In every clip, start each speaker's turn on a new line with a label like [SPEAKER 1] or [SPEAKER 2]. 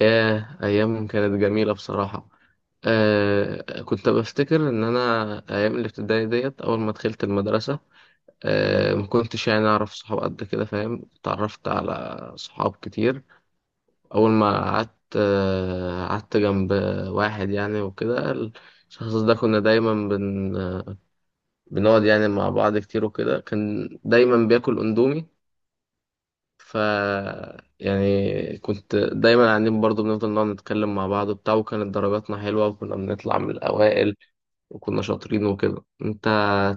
[SPEAKER 1] ياه، أيام كانت جميلة بصراحة. آه، كنت بفتكر إن أنا أيام الابتدائي ديت أول ما دخلت المدرسة، ما كنتش يعني أعرف صحاب قد كده، فاهم؟ اتعرفت على صحاب كتير. أول ما قعدت قعدت جنب واحد يعني، وكده. الشخص ده كنا دايما بنقعد يعني مع بعض كتير، وكده. كان دايما بياكل أندومي. ف يعني كنت دايما قاعدين برضو، بنفضل نقعد نتكلم مع بعض وبتاع، وكانت درجاتنا حلوة وكنا بنطلع من الأوائل وكنا شاطرين وكده. أنت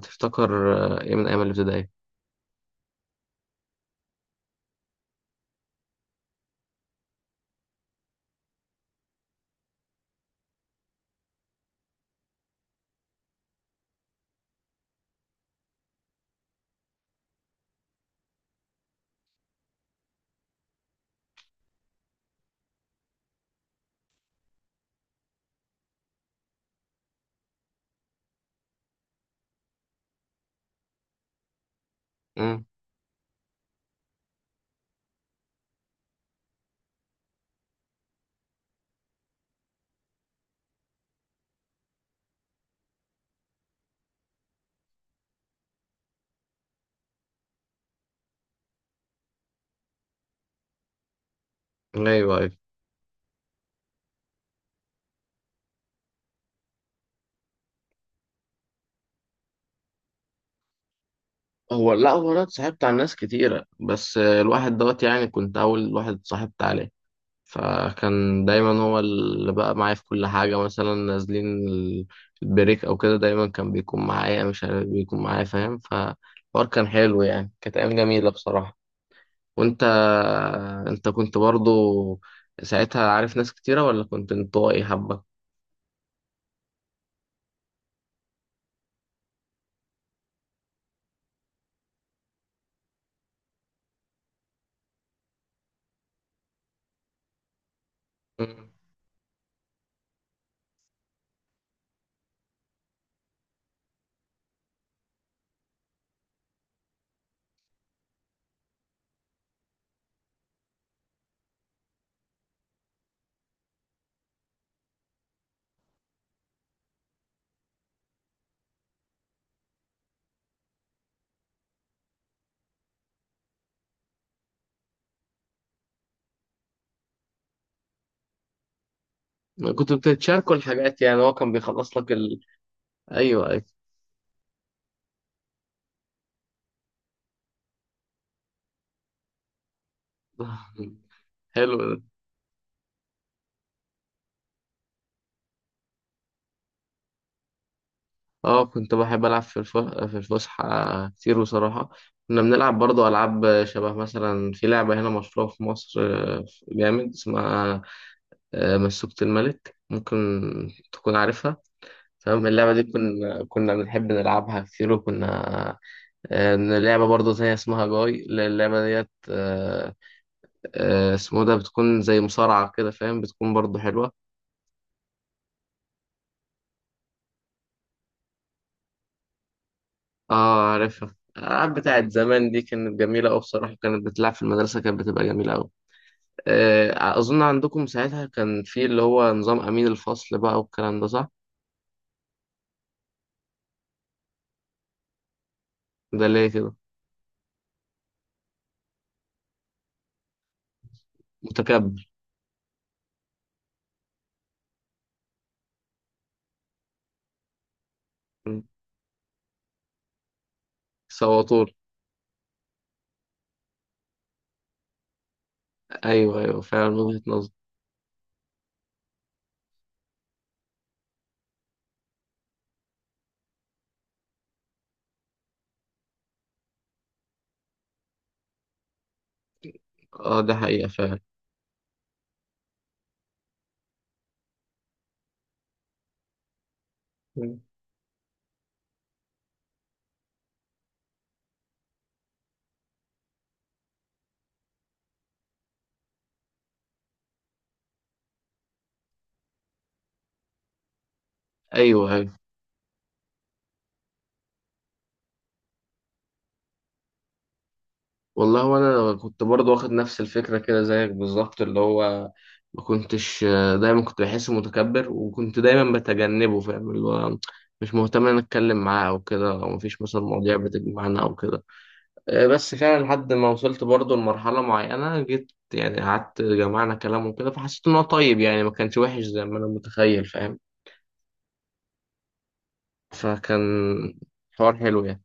[SPEAKER 1] تفتكر إيه من أيام الابتدائي؟ امم. أيوه، أيوه. هو لا، هو أنا اتصاحبت على ناس كتيرة، بس الواحد دوت يعني كنت أول واحد اتصاحبت عليه، فكان دايما هو اللي بقى معايا في كل حاجة، مثلا نازلين البريك أو كده، دايما كان بيكون معايا، مش عارف بيكون معايا، فاهم؟ فالحوار كان حلو يعني، كانت أيام جميلة بصراحة. وأنت، أنت كنت برضو ساعتها عارف ناس كتيرة ولا كنت انطوائي حبة؟ مم. كنت بتتشاركوا الحاجات يعني؟ هو كان بيخلص لك أيوه، أيوه. حلو. اه، كنت بحب العب في في الفسحه كتير بصراحه. كنا بنلعب برضو العاب شبه، مثلا في لعبه هنا مشهوره في مصر، جامد، اسمها مسوكة الملك، ممكن تكون عارفها. تمام. اللعبه دي كنا بنحب نلعبها كتير، وكنا لعبة برضه تانية اسمها جاي، اللعبة ديت اسمه ده، بتكون زي مصارعة كده، فاهم؟ بتكون برضه حلوة. اه عارفها. الألعاب بتاعت زمان دي كانت جميلة أوي بصراحة، كانت بتلعب في المدرسة، كانت بتبقى جميلة أوي. أظن عندكم ساعتها كان في اللي هو نظام أمين الفصل بقى، والكلام ده صح؟ ده ليه كده؟ متكبر. م. سواطور. أيوه، أيوه فعلا، من وجهة نظر. أه، ده حقيقة فعلا. م. أيوه، أيوه. والله، هو أنا كنت برضه واخد نفس الفكرة كده زيك بالظبط، اللي هو ما كنتش دايما كنت بحسه متكبر وكنت دايما بتجنبه، فاهم؟ اللي هو مش مهتم إن أنا أتكلم معاه أو كده، أو مفيش مثلا مواضيع بتجمعنا أو كده. بس فعلا لحد ما وصلت برضه لمرحلة معينة، جيت يعني قعدت جمعنا كلام وكده، فحسيت إن هو طيب يعني، ما كانش وحش زي ما أنا متخيل، فاهم؟ فكان حوار حلو يعني.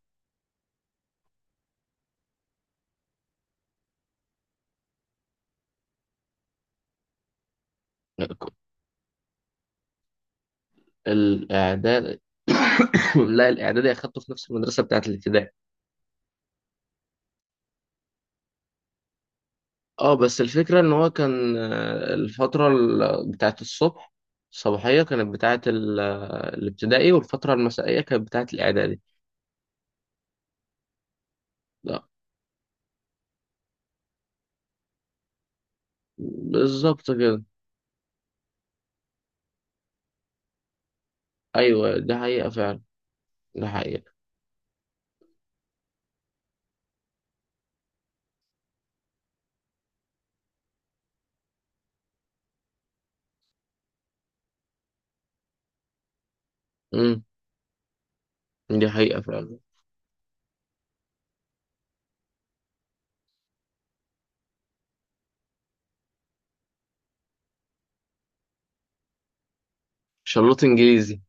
[SPEAKER 1] الإعداد. لا، الإعدادي أخدته في نفس المدرسة بتاعة الابتدائي. اه، بس الفكرة إن هو كان الفترة بتاعة الصبح، الصباحية كانت بتاعة الابتدائي، والفترة المسائية كانت بتاعة الإعدادي. لا، بالظبط كده. أيوه، دي حقيقة فعلا. دي حقيقة. دي حقيقة فعلا. شلوت انجليزي.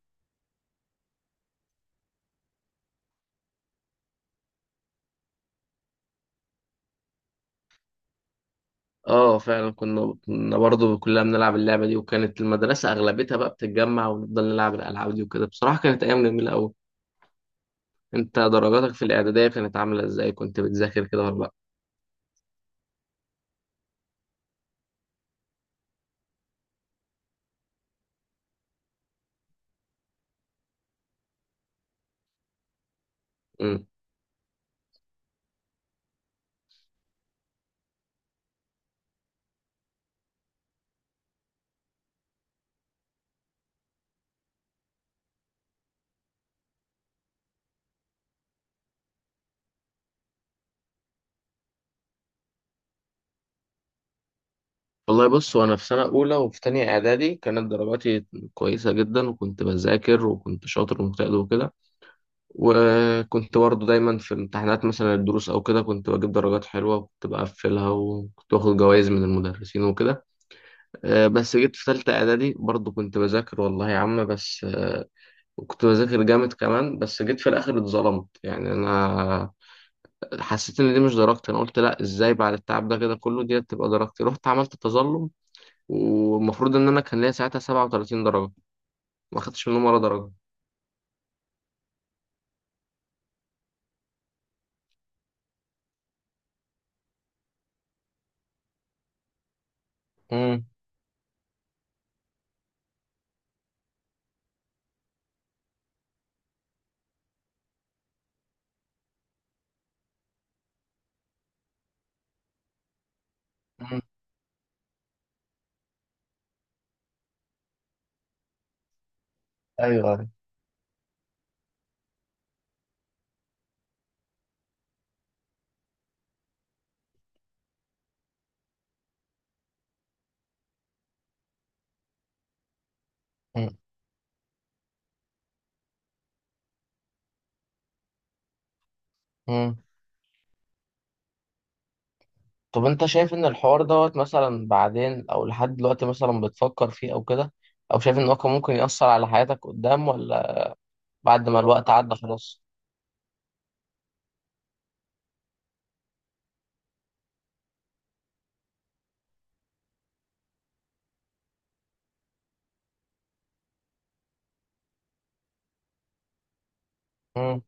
[SPEAKER 1] اه فعلا، كنا برضه كلنا بنلعب اللعبة دي، وكانت المدرسة اغلبتها بقى بتتجمع ونفضل نلعب الالعاب دي وكده. بصراحة كانت ايام جميلة قوي. انت درجاتك في الاعدادية كانت عاملة ازاي؟ كنت بتذاكر كده ولا لا؟ امم. والله بص، وانا في سنة اولى وفي تانية اعدادي كانت درجاتي كويسة جدا، وكنت بذاكر وكنت شاطر ومجتهد وكده. وكنت برضه دايما في امتحانات مثلا، الدروس او كده كنت بجيب درجات حلوة وكنت بقفلها وكنت باخد جوائز من المدرسين وكده. بس جيت في تالتة إعدادي برضه كنت بذاكر والله يا عم، بس كنت بذاكر جامد كمان. بس جيت في الآخر اتظلمت يعني، أنا حسيت إن دي مش درجتي. أنا قلت لأ، إزاي بعد التعب ده كده كله دي تبقى درجتي؟ رحت عملت تظلم، والمفروض إن أنا كان ليا ساعتها 37 درجة، ما خدتش منهم ولا درجة. امم. امم. ايوه، أيوة. امم. امم. طب انت شايف ان الحوار دوت مثلا بعدين او لحد دلوقتي مثلا بتفكر فيه او كده؟ او شايف ان هو كان ممكن يأثر على حياتك قدام ولا بعد ما الوقت عدى خلاص؟ مم.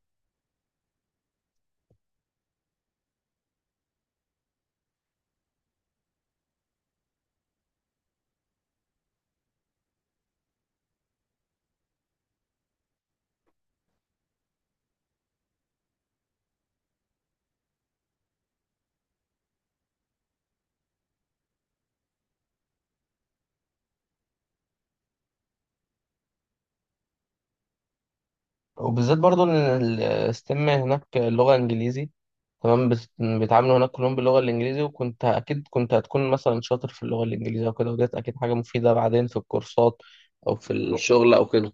[SPEAKER 1] وبالذات برضو ان الستيم هناك اللغه انجليزي، تمام. بيتعاملوا هناك كلهم باللغه الانجليزي، وكنت اكيد كنت هتكون مثلا شاطر في اللغه الانجليزيه وكده، وديت اكيد حاجه مفيده بعدين في الكورسات او في الشغل او كده.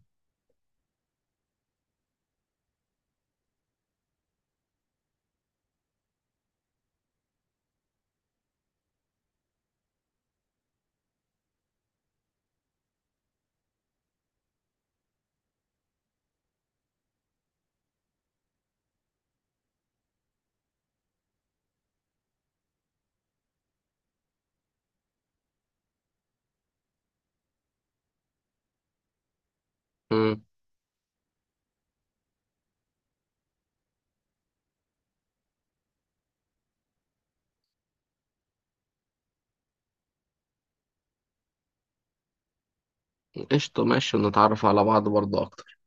[SPEAKER 1] مم. قشطه، ماشي، نتعرف على بعض برضو اكتر.